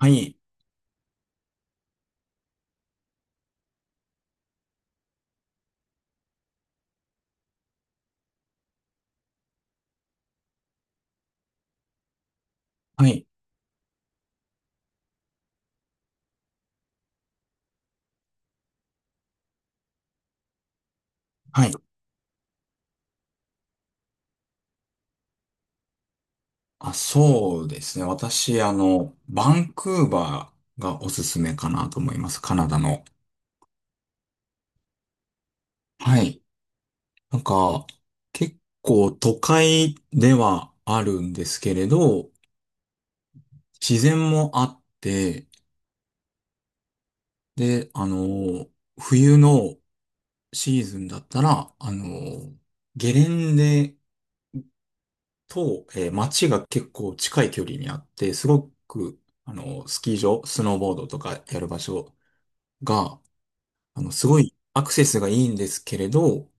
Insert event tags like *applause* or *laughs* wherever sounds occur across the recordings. はい、はい、はい。そうですね。私、バンクーバーがおすすめかなと思います。カナダの。はい。なんか、結構都会ではあるんですけれど、自然もあって、で、あの、冬のシーズンだったら、ゲレンデと、街が結構近い距離にあって、すごく、スキー場、スノーボードとかやる場所が、すごいアクセスがいいんですけれど、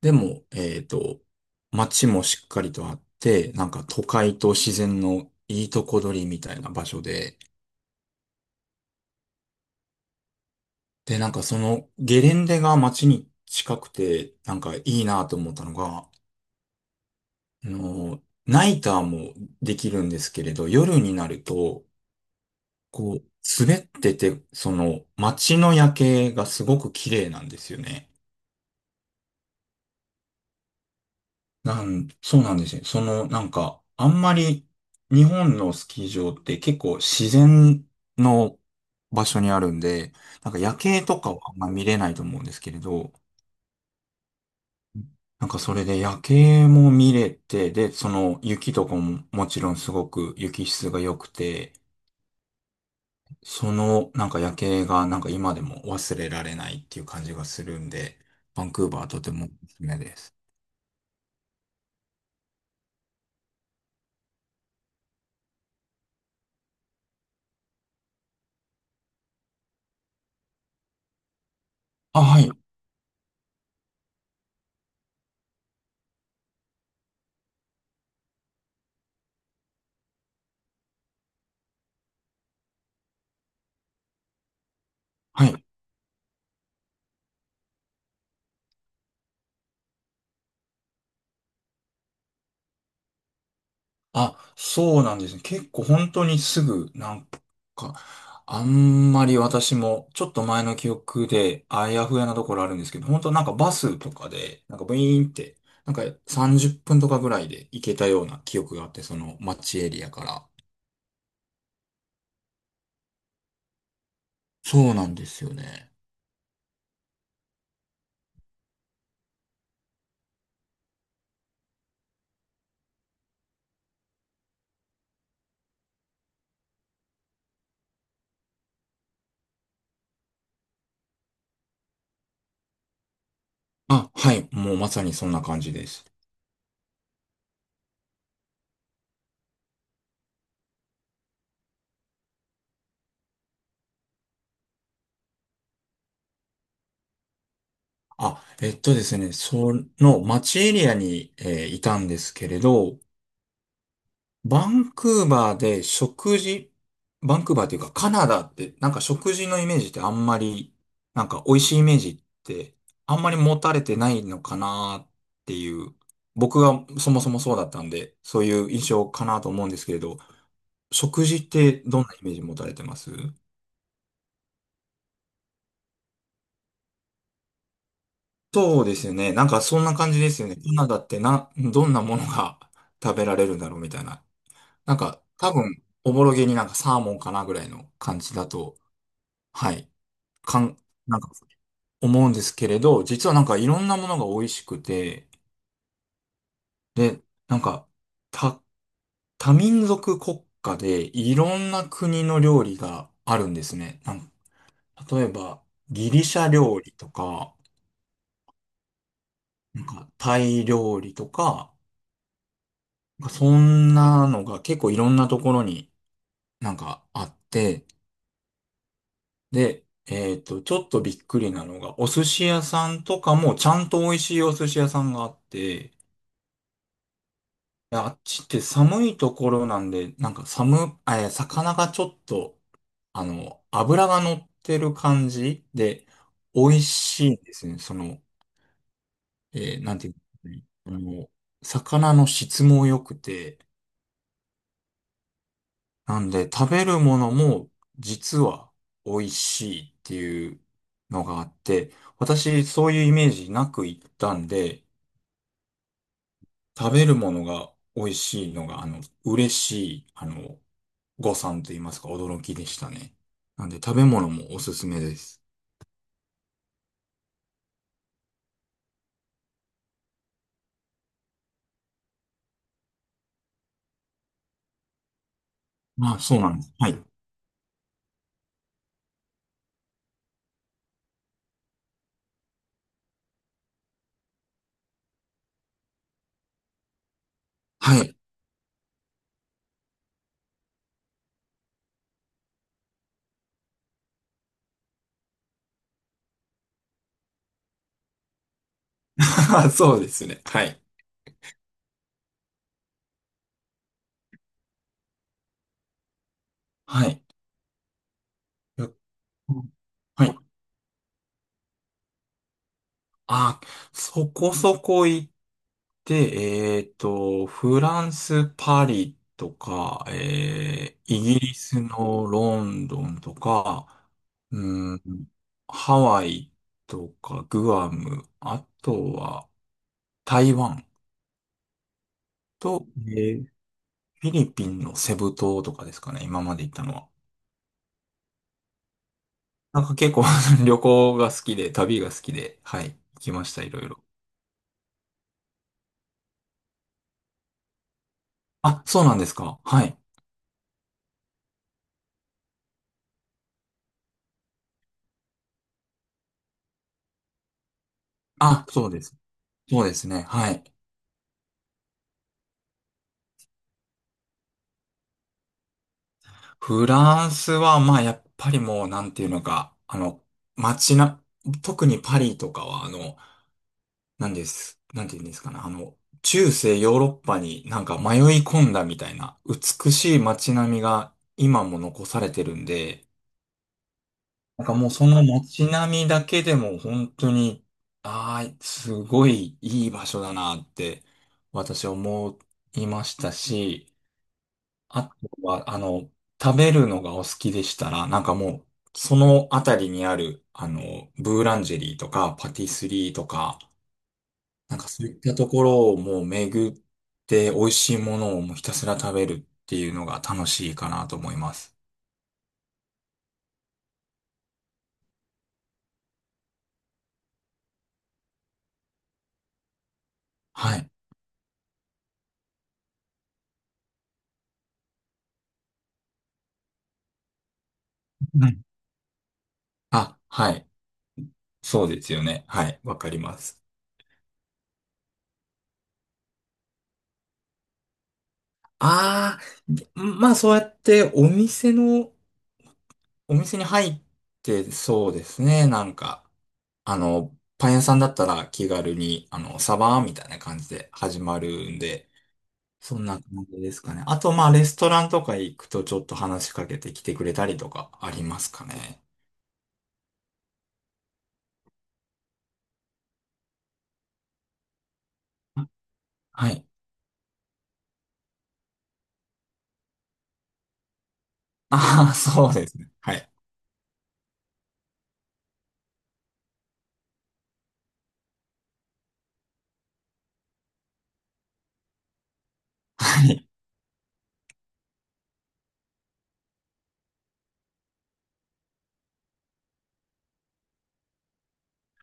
でも、街もしっかりとあって、なんか都会と自然のいいとこ取りみたいな場所で、で、なんかそのゲレンデが街に近くて、なんかいいなと思ったのが、ナイターもできるんですけれど、夜になると、こう、滑ってて、その街の夜景がすごく綺麗なんですよね。そうなんですよ。あんまり日本のスキー場って結構自然の場所にあるんで、なんか夜景とかはあんま見れないと思うんですけれど、なんかそれで夜景も見れて、で、その雪とかももちろんすごく雪質が良くて、そのなんか夜景がなんか今でも忘れられないっていう感じがするんで、バンクーバーとてもおすすめです。あ、はい。はい。あ、そうなんですね。結構本当にすぐ、か、あんまり私も、ちょっと前の記憶で、あやふやなところあるんですけど、本当なんかバスとかで、なんかブイーンって、なんか30分とかぐらいで行けたような記憶があって、その街エリアから。そうなんですよね。あ、はい。もうまさにそんな感じです。あ、えっとですね、その街エリアに、いたんですけれど、バンクーバーで食事、バンクーバーっていうかカナダってなんか食事のイメージってあんまり、なんか美味しいイメージってあんまり持たれてないのかなっていう、僕がそもそもそうだったんで、そういう印象かなと思うんですけれど、食事ってどんなイメージ持たれてます？そうですよね。なんかそんな感じですよね。カナダって、どんなものが *laughs* 食べられるんだろうみたいな。なんか多分、おぼろげになんかサーモンかなぐらいの感じだと、はい。かん、なんか思うんですけれど、実はなんかいろんなものが美味しくて、で、なんか多、多民族国家でいろんな国の料理があるんですね。なんか例えばギリシャ料理とか、なんかタイ料理とか、なんかそんなのが結構いろんなところになんかあって、で、ちょっとびっくりなのが、お寿司屋さんとかもちゃんと美味しいお寿司屋さんがあって、いやあっちって寒いところなんで、なんか寒、えー魚がちょっと、脂が乗ってる感じで、美味しいんですね。その、えーなんていうの、あの、魚の質も良くて、なんで食べるものも実は美味しいっていうのがあって、私そういうイメージなく行ったんで、食べるものが美味しいのが、あの、嬉しい、誤算と言いますか、驚きでしたね。なんで、食べ物もおすすめです。まあ、そうなんです。はい。はい。*laughs* そうですね。はい。はい。やはい。あ、そこそこ行って、フランス・パリとか、イギリスのロンドンとか、うん、ハワイとか、グアム、あとは台湾と、フィリピンのセブ島とかですかね、今まで行ったのは。なんか結構 *laughs* 旅行が好きで、旅が好きで、はい、行きました、いろいろ。あ、そうなんですか。はい。あ、そうです。そうですね。はい。フランスは、まあ、やっぱりもう、なんていうのか、あの、街な、特にパリとかは、あの、なんです、なんていうんですかね、あの、中世ヨーロッパになんか迷い込んだみたいな、美しい街並みが今も残されてるんで、なんかもうその街並みだけでも本当に、ああ、すごいいい場所だなって私思いましたし、あとは、食べるのがお好きでしたら、なんかもう、そのあたりにある、ブーランジェリーとかパティスリーとか、なんかそういったところをもう巡って美味しいものをもうひたすら食べるっていうのが楽しいかなと思います。はい。うんはい。そうですよね。はい。わかります。ああ、まあそうやってお店の、お店に入ってそうですね。なんか、パン屋さんだったら気軽に、サバーみたいな感じで始まるんで、そんな感じですかね。あと、まあレストランとか行くとちょっと話しかけてきてくれたりとかありますかね。はい。ああ、そうですね。はい。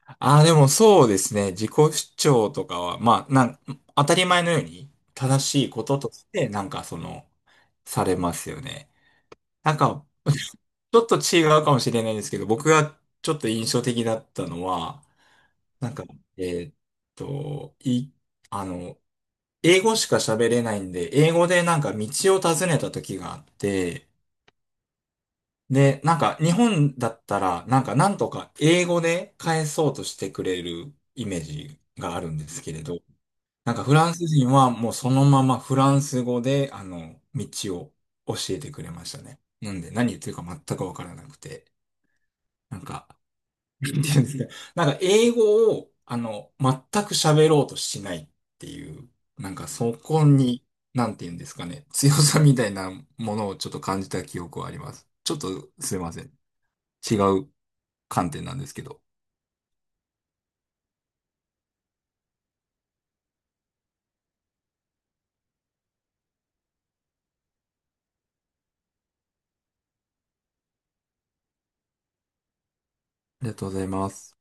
ああ、でもそうですね。自己主張とかは、当たり前のように正しいこととして、されますよね。なんか、ちょっと違うかもしれないんですけど、僕がちょっと印象的だったのは、なんか、えーっと、い、あの、英語しか喋れないんで、英語でなんか道を尋ねた時があって、で、なんか日本だったら、なんかなんとか英語で返そうとしてくれるイメージがあるんですけれど、なんかフランス人はもうそのままフランス語で、道を教えてくれましたね。なんで何言ってるか全くわからなくて。なんか、なんていうんですか。なんか英語を、全く喋ろうとしないっていう、なんかそこに、なんていうんですかね。強さみたいなものをちょっと感じた記憶はあります。ちょっとすいません。違う観点なんですけど。ありがとうございます。